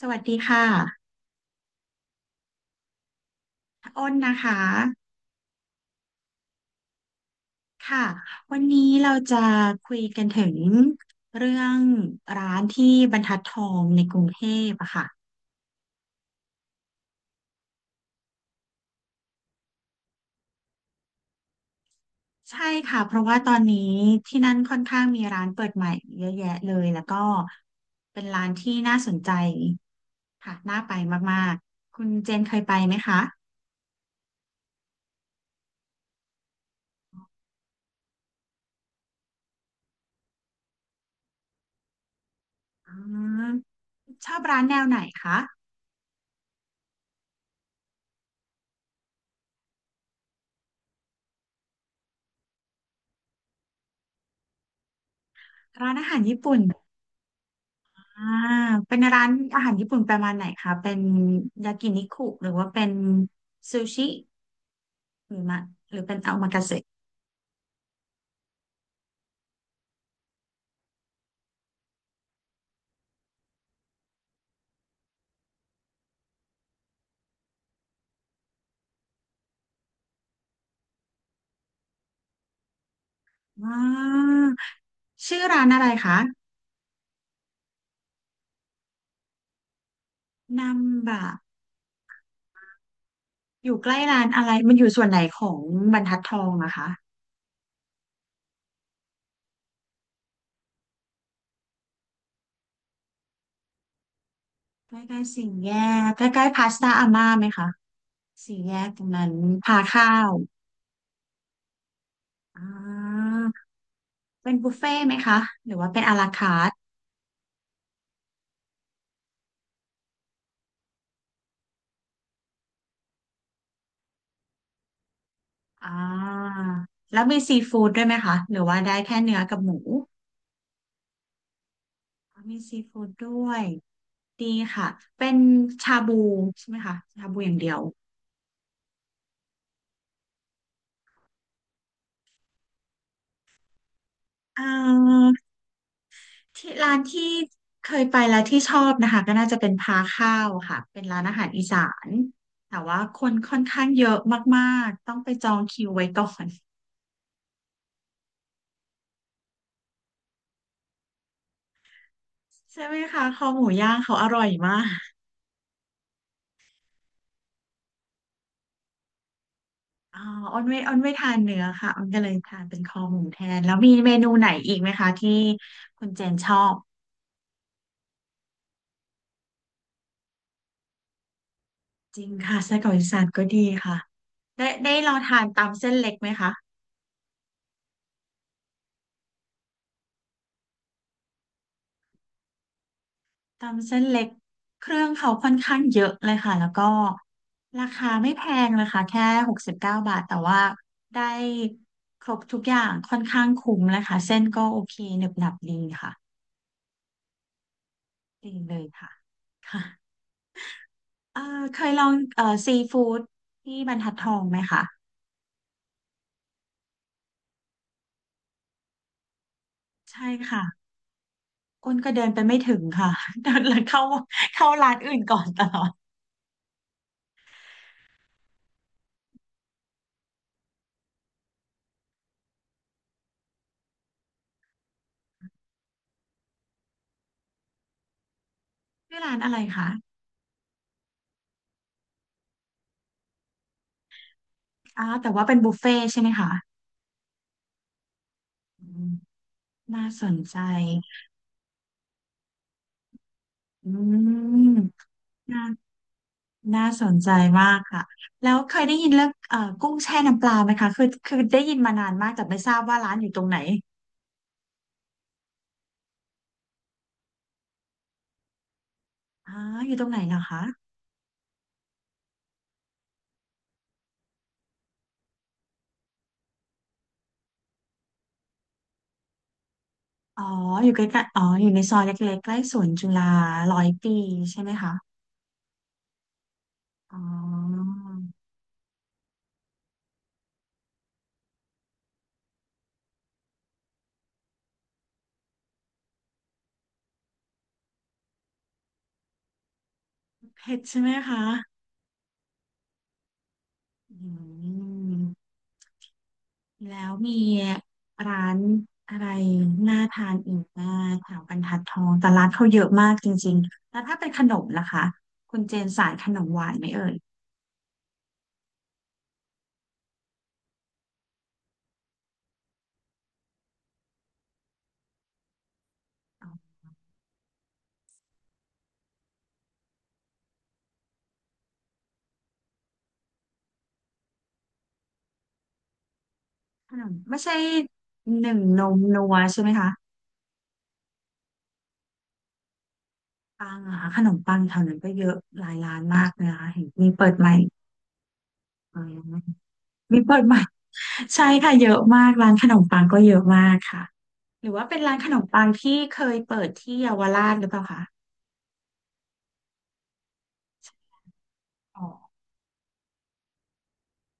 สวัสดีค่ะอ้นนะคะค่ะวันนี้เราจะคุยกันถึงเรื่องร้านที่บรรทัดทองในกรุงเทพอะค่ะ ใช่ค่ะ เพราะว่าตอนนี้ที่นั่นค่อนข้างมีร้านเปิดใหม่เยอะแยะเลย แล้วก็เป็นร้านที่น่าสนใจค่ะน่าไปมากๆ คุณเจนเคยไปไหมคะอ๋อชอบร้านแนวไหนคะ ร้านอาหารญี่ปุ่น อ่าเป็นร้านอาหารญี่ปุ่นประมาณไหนคะเป็นยากินิคุหรือว่าเป็นซูชิหรือมะหรือเป็นโอมากาเสะอ่าชื่อร้านอะไรคะนัมบะอยู่ใกล้ร้านอะไรมันอยู่ส่วนไหนของบรรทัดทองอะคะใกล้ๆสี่แยกใกล้ๆพาสต้าอาม่าไหมคะสี่แยกตรงนั้นพาข้าวอ่าเป็นบุฟเฟ่ต์ไหมคะหรือว่าเป็นอาราคาร์ทอ่าแล้วมีซีฟู้ดด้วยไหมคะหรือว่าได้แค่เนื้อกับหมู มีซีฟู้ดด้วยดีค่ะเป็นชาบูใช่ไหมคะชาบูอย่างเดียวเอ่อที่ร้านที่เคยไปแล้วที่ชอบนะคะก็น่าจะเป็นพาข้าวค่ะเป็นร้านอาหารอีสานแต่ว่าคนค่อนข้างเยอะมากๆต้องไปจองคิวไว้ก่อน ใช่ไหมคะคอหมูย่างเขาอร่อยมากอ๋ออ้นไม่ทานเนื้อค่ะอ้นก็เลยทานเป็นคอหมูแทนแล้วมีเมนูไหนอีกไหมคะที่คุณเจนชอบจริงค่ะไส้กรอกอีสานก็ดีค่ะ ได้ได้ลองทานตำเส้นเล็กไหมคะตำเส้นเล็กเครื่องเขาค่อนข้างเยอะเลยค่ะแล้วก็ราคาไม่แพงเลยค่ะแค่69 บาทแต่ว่าได้ครบทุกอย่างค่อนข้างคุ้มเลยค่ะเส้นก็โอเคหนึบหนับดีค่ะดีเลยค่ะค่ะเอ่อเคยลองซีฟู้ดที่บรรทัดทองไหมคะใช่ค่ะอ้นก็เดินไปไม่ถึงค่ะ เดินเล้เข้าร้านอื่นก่อนตลอดชื่อร้านอะไรคะอ๋อแต่ว่าเป็นบุฟเฟ่ต์ใช่ไหมคะอืม น่าสนใจอืมน่าน่าสนใจมากค่ะ แล้วเคยได้ยินเรื่องกุ้งแช่น้ำปลาไหมคะ คือได้ยินมานานมากแต่ไม่ทราบว่าร้านอยู่ตรงไหนอ๋ออยู่ตรงไหนเหรอคะอ๋ออยู่ใกล้ๆอ๋อ อยู่ในซอยเล็กๆใกล้สวนจุฬา100 ปีใช่ไหมคะ อ๋อเผ็ดใช่ไหมคะอืม แล้วมีร้านอะไรน่าทานอีกบ้างแถวบรรทัดทองแต่ร้านเขาเยอะมากจริงๆแล้วถ้าเป็นขนมล่ะคะคุณเจนสายขนมหวานไหมเอ่ยอ๋อขนมไม่ใช่หนึ่งนมนัวใช่ไหมคะปังอะคะขนมปังแถวนั้นก็เยอะหลายร้านมากเลยนะคะเห็นมีเปิดใหม่ อ๋อมีเปิดใหม่ใช่ค่ะเยอะมากร้านขนมปังก็เยอะมากค่ะหรือว่าเป็นร้านขนมปังที่เคยเปิดที่เยาวราชหรือเปล่าคะอ๋อ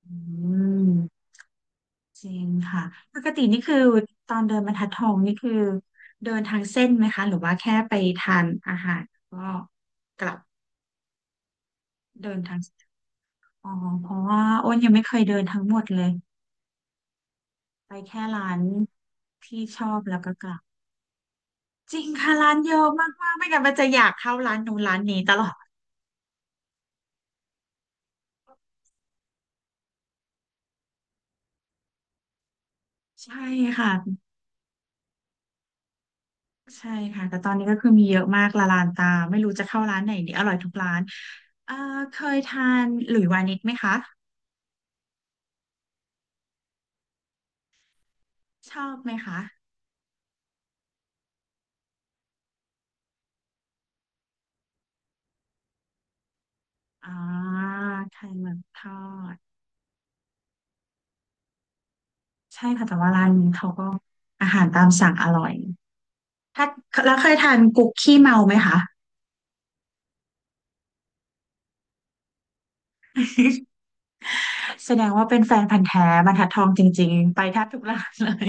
อืม จริงค่ะปกตินี่คือตอนเดินบรรทัดทองนี่คือเดินทางเส้นไหมคะหรือว่าแค่ไปทานอาหารก็กลับเดินทางอ๋อเพราะว่าอ้นยังไม่เคยเดินทั้งหมดเลยไปแค่ร้านที่ชอบแล้วก็กลับจริงค่ะร้านเยอะมากมากไม่งั้นมันจะอยากเข้าร้านนู้นร้านนี้ตลอดใช่ค่ะใช่ค่ะแต่ตอนนี้ก็คือมีเยอะมากละลานตาไม่รู้จะเข้าร้านไหนดีอร่อยทุกร้านเอ่อเคยทานหลุยวานิชไหมคะชอบไหมคะ อ่าไข่หมึกทอดใช่ค่ะแต่ว่าร้านนี้เขาก็อาหารตามสั่งอร่อยถ้าแล้วเคยทานกุ๊กขี้เมาไหมคะแสดงว่าเป็นแฟนพันธุ์แท้บรรทัดทองจริงๆไปแทบทุกร้านเลย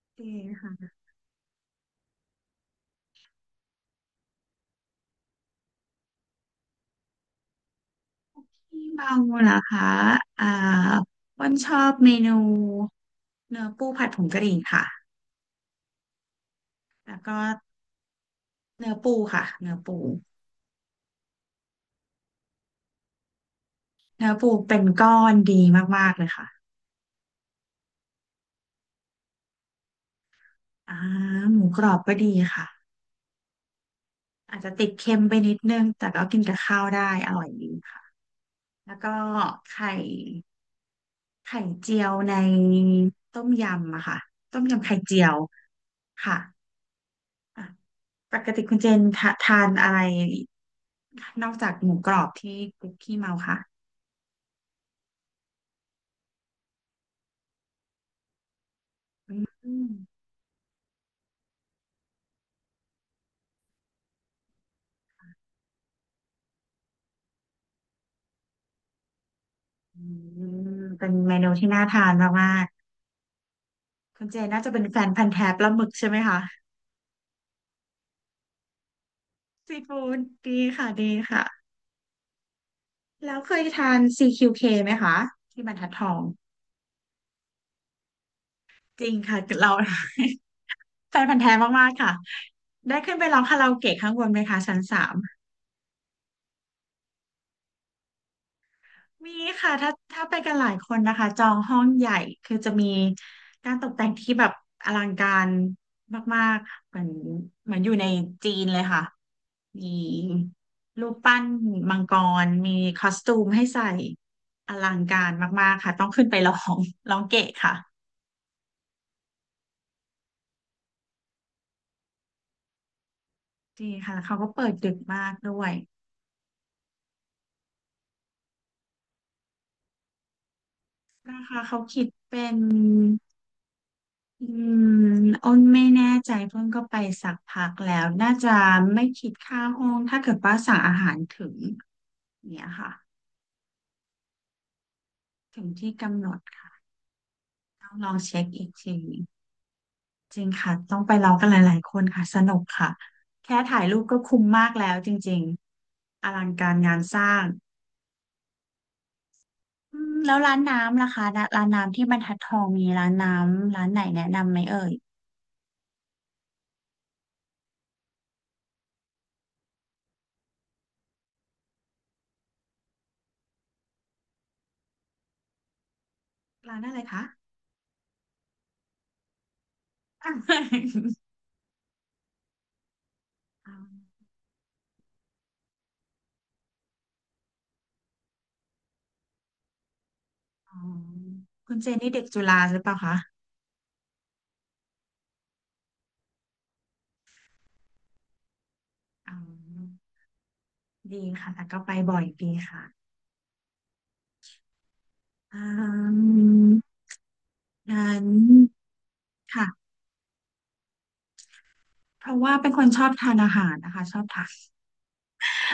โอเคค่ะขี้เมาเหรอคะอ่าอ้วันชอบเมนูเนื้อปูผัดผงกะหรี่ค่ะแล้วก็เนื้อปูค่ะเนื้อปูเนื้อปูเป็นก้อนดีมากๆเลยค่ะอ่าหมูกรอบก็ดีค่ะ อาจจะติดเค็มไปนิดนึง แต่ก็กินกับข้าวได้อร่อยดีค่ะ แล้วก็ไข่ไข่เจียวในต้มยำอะค่ะ ต้มยำไข่เจียวค่ะอ่ะปกติคุณเจนทะทานอะไรนอกจากหมูกรอบที่คุกกี้เมาค่ะอืมอืมเป็นเมนูที่น่าทานมากๆ คุณเจนน่าจะเป็นแฟนพันธุ์แท้ปลาหมึกใช่ไหมคะซีฟู้ดดีค่ะดีค่ะ แล้วเคยทาน CQK ไหมคะที่บรรทัดทองจริงค่ะเรา แฟนพันธุ์แท้มากๆค่ะ ได้ขึ้นไปร้องคาราโอเกะข้างบนไหมคะชั้น 3มีค่ะถ้าไปกันหลายคนนะคะจองห้องใหญ่คือจะมีการตกแต่งที่แบบอลังการมากๆเหมือนอยู่ในจีนเลยค่ะ มีรูปปั้นมังกรมีคอสตูมให้ใส่อลังการมากๆค่ะต้องขึ้นไปร้อง ร้องเกะค่ะดีค่ะแล้วเขาก็เปิดดึกมากด้วยราคาเขาคิดเป็น อืมอ้นไม่แน่ใจเพิ่งก็ไปสักพักแล้วน่าจะไม่คิดค่าห้องถ้าเกิดว่าสั่งอาหารถึงเนี่ยค่ะถึงที่กำหนดค่ะต้องลองเช็คอีกทีจริงค่ะต้องไปลองกันหลายๆคนค่ะสนุกค่ะแค่ถ่ายรูปก็คุ้มมากแล้วจริงๆอลังการงานสร้างอืมแล้วร้านน้ำล่ะคะร้านน้ำที่บรรทัดทองมีร้านน้ำร้านไหนแนะนำไหมเอ่ยร้านอะไรคะ อ๋อคุณเจนนี่เด็กจุฬาหรือเปล่าคะ อ๋อดีค่ะแต่ก็ไปบ่อยดีค่ะอืมงั้นค่ะเพราะว่าเป็นคนชอบทานอาหารนะคะชอบทาน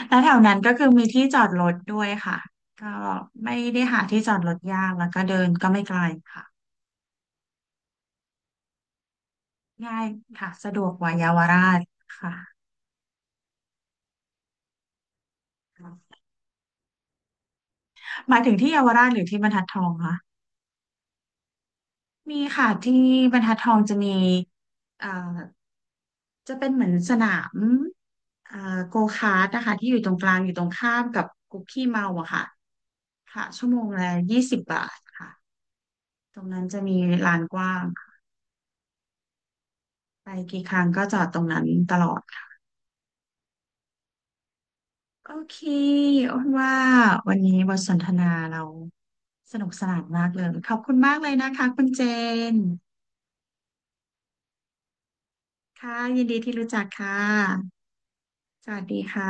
แล้แถวนั้นก็คือมีที่จอดรถด้วยค่ะก็ไม่ได้หาที่จอดรถยากแล้วก็เดินก็ไม่ไกลค่ะง่ายค่ะสะดวกกว่าเยาวราชค่ะหมายถึงที่เยาวราชหรือที่บรรทัดทองคะมีค่ะที่บรรทัดทองจะมีเอ่อ จะเป็นเหมือนสนามเอ่อโกคาร์ทนะคะที่อยู่ตรงกลางอยู่ตรงข้ามกับคุกกี้เมาอะค่ะค่ะชั่วโมงละ20 บาทค่ะตรงนั้นจะมีลานกว้างค่ะไปกี่ครั้งก็จอดตรงนั้นตลอดค่ะโอเคอ้นว่าวันนี้บทสนทนาเราสนุกสนานมากเลย ขอบคุณมากเลยนะคะคุณเจนค่ะยินดีที่รู้จักค่ะสวัสดีค่ะ